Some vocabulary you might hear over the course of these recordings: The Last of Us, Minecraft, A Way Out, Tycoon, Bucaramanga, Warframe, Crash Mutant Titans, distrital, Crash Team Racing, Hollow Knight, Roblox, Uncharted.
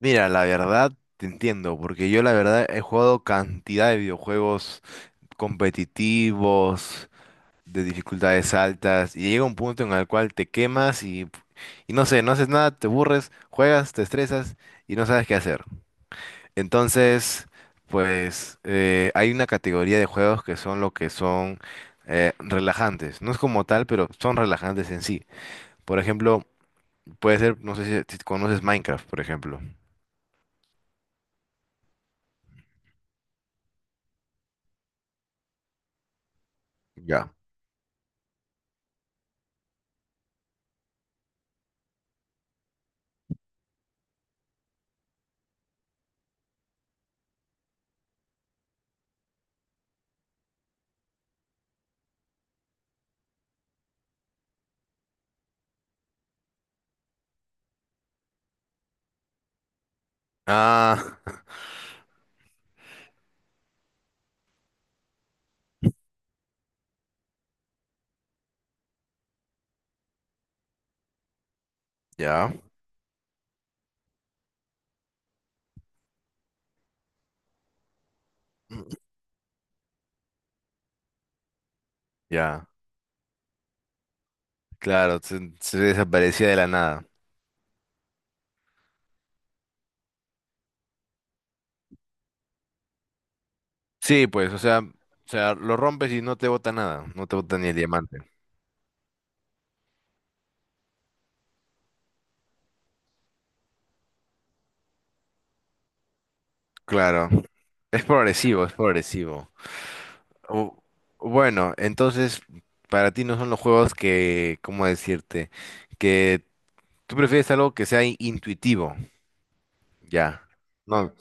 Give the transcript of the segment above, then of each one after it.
Mira, la verdad te entiendo, porque yo la verdad he jugado cantidad de videojuegos competitivos, de dificultades altas, y llega un punto en el cual te quemas y no sé, no haces nada, te aburres, juegas, te estresas y no sabes qué hacer. Entonces, pues hay una categoría de juegos que son lo que son relajantes. No es como tal, pero son relajantes en sí. Por ejemplo, puede ser, no sé si conoces Minecraft, por ejemplo. Ya. Ah. Ya, ya, claro, se desaparecía de la nada. Sí, pues, o sea, lo rompes y no te bota nada, no te bota ni el diamante. Claro, es progresivo, es progresivo. O- bueno, entonces, para ti no son los juegos que, ¿cómo decirte? Que tú prefieres algo que sea intuitivo, ya. No.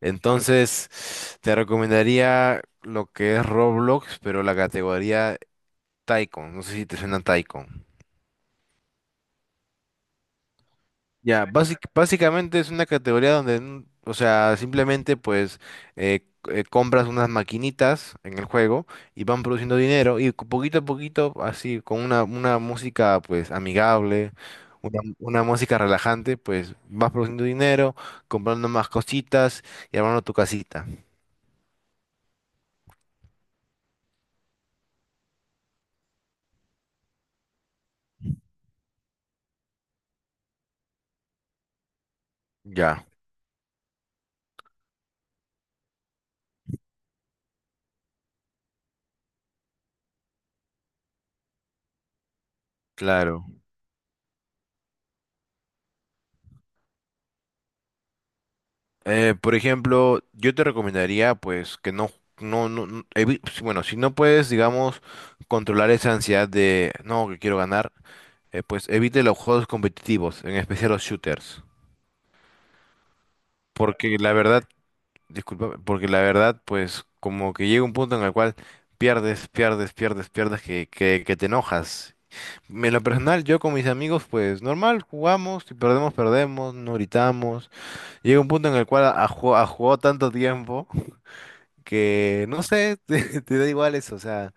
Entonces, te recomendaría lo que es Roblox, pero la categoría Tycoon. No sé si te suena Tycoon. Ya, básicamente es una categoría donde, o sea, simplemente pues compras unas maquinitas en el juego y van produciendo dinero y poquito a poquito, así, con una música pues amigable, una música relajante, pues vas produciendo dinero, comprando más cositas y armando tu casita. Ya, claro. Por ejemplo, yo te recomendaría pues que bueno, si no puedes, digamos, controlar esa ansiedad de no, que quiero ganar, pues evite los juegos competitivos, en especial los shooters. Porque la verdad, disculpa, porque la verdad, pues como que llega un punto en el cual pierdes, que te enojas. En lo personal, yo con mis amigos, pues normal, jugamos, si perdemos, perdemos, no gritamos. Llega un punto en el cual ha, jugado tanto tiempo. Que no sé, te da igual eso, o sea,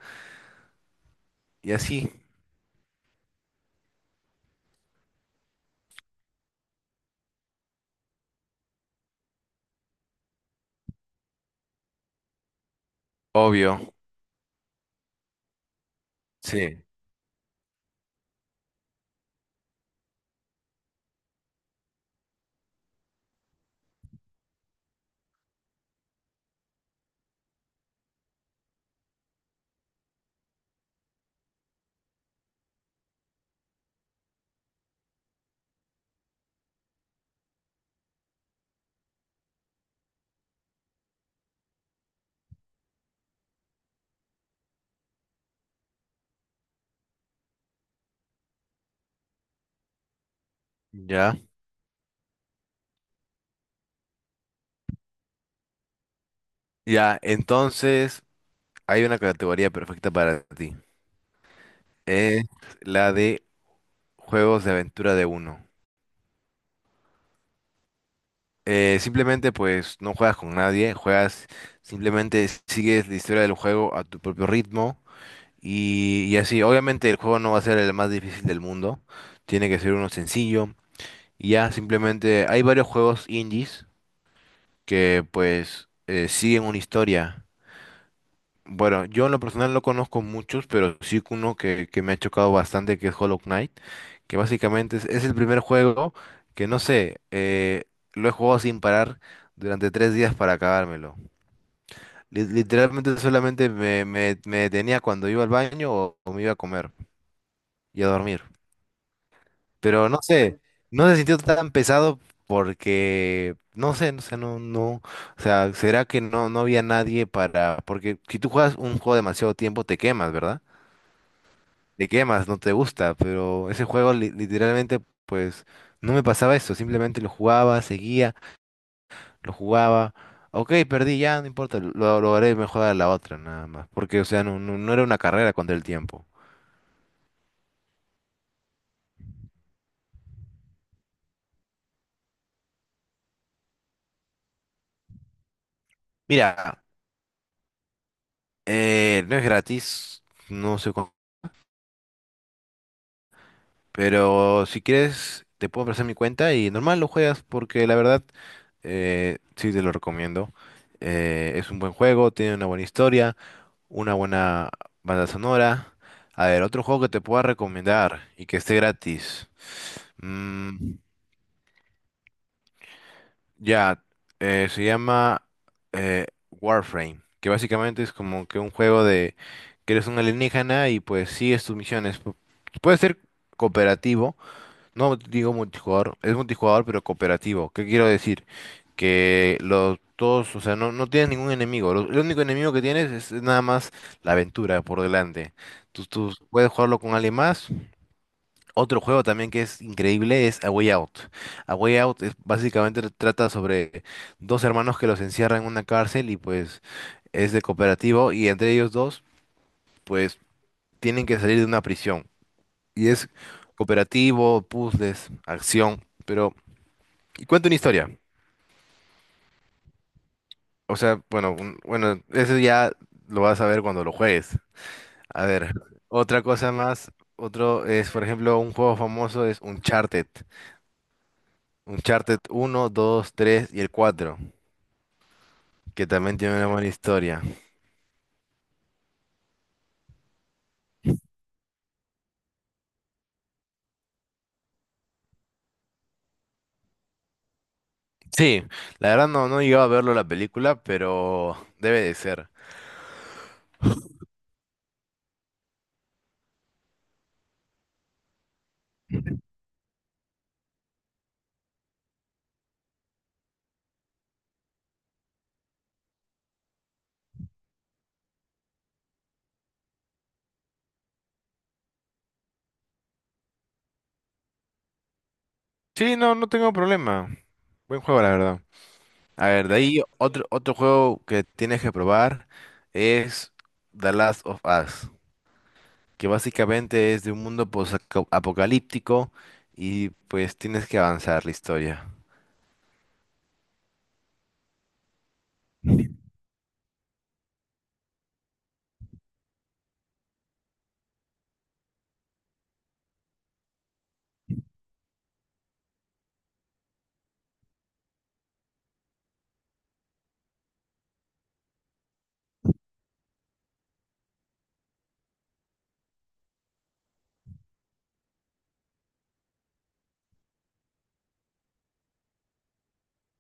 y así. Obvio, sí, ya, ya, entonces hay una categoría perfecta para ti. Es la de juegos de aventura de uno. Simplemente pues no juegas con nadie, juegas, simplemente sigues la historia del juego a tu propio ritmo y así. Obviamente el juego no va a ser el más difícil del mundo, tiene que ser uno sencillo y ya, simplemente hay varios juegos indies que pues siguen una historia. Bueno, yo en lo personal no conozco muchos, pero sí uno que me ha chocado bastante, que es Hollow Knight, que básicamente es el primer juego que no sé, lo he jugado sin parar durante tres días para acabármelo. Literalmente solamente me detenía cuando iba al baño o me iba a comer y a dormir. Pero no sé, no se sintió tan pesado porque, no sé, no sé, no, no, o sea, ¿será que no, no había nadie para, porque si tú juegas un juego demasiado tiempo te quemas, ¿verdad? Te quemas, no te gusta, pero ese juego literalmente, pues, no me pasaba eso, simplemente lo jugaba, seguía, lo jugaba, ok, perdí, ya, no importa, lo haré mejor a la otra, nada más, porque, o sea, no era una carrera contra el tiempo. Mira, no es gratis, no sé. Pero si quieres, te puedo ofrecer mi cuenta y normal lo juegas porque la verdad sí te lo recomiendo. Es un buen juego, tiene una buena historia, una buena banda sonora. A ver, otro juego que te pueda recomendar y que esté gratis. Mm, ya, se llama Warframe, que básicamente es como que un juego de que eres un alienígena y pues sigues tus misiones. Puede ser cooperativo. No digo multijugador, es multijugador pero cooperativo. ¿Qué quiero decir? Que los todos, o sea, no tienes ningún enemigo. El único enemigo que tienes es nada más la aventura por delante. Tú puedes jugarlo con alguien más. Otro juego también que es increíble es A Way Out. A Way Out es, básicamente trata sobre dos hermanos que los encierran en una cárcel y pues es de cooperativo y entre ellos dos pues tienen que salir de una prisión. Y es cooperativo, puzzles, acción, pero... Y cuenta una historia. O sea, bueno, bueno, eso ya lo vas a ver cuando lo juegues. A ver, otra cosa más, otro es, por ejemplo, un juego famoso es Uncharted. Uncharted uno, 2, 3 y el 4, que también tiene una buena historia. Sí, la verdad no, no he llegado a verlo la película, pero debe de ser. Sí, no, no tengo problema. Buen juego, la verdad. A ver, de ahí otro, otro juego que tienes que probar es The Last of Us. Que básicamente es de un mundo apocalíptico y pues tienes que avanzar la historia.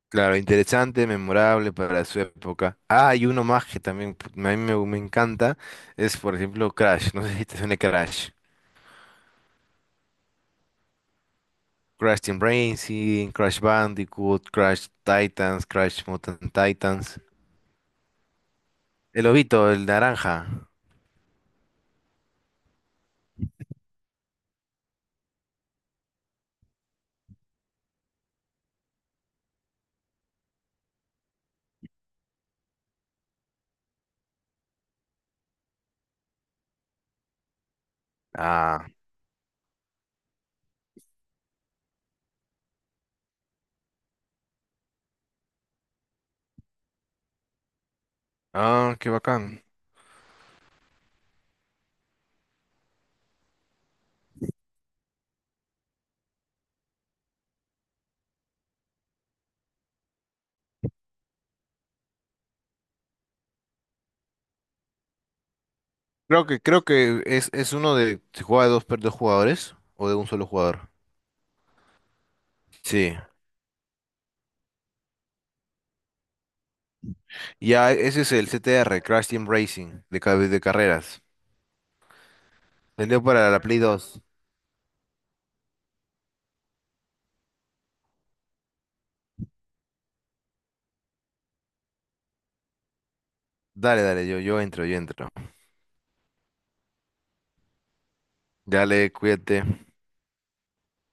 Claro, interesante, memorable para su época. Ah, hay uno más que también a mí me encanta es, por ejemplo, Crash. No sé si te suena Crash. Crash Team Racing, Crash Bandicoot, Crash Titans, Crash Mutant Titans. El lobito, el naranja. Ah, ah, qué bacán. Creo que es uno de... ¿Se juega de dos, dos jugadores o de un solo jugador? Sí. Ya, ese es el CTR, Crash Team Racing, de, de carreras. Vendió para la Play 2. Dale, dale, yo entro, yo entro. Dale, cuídate.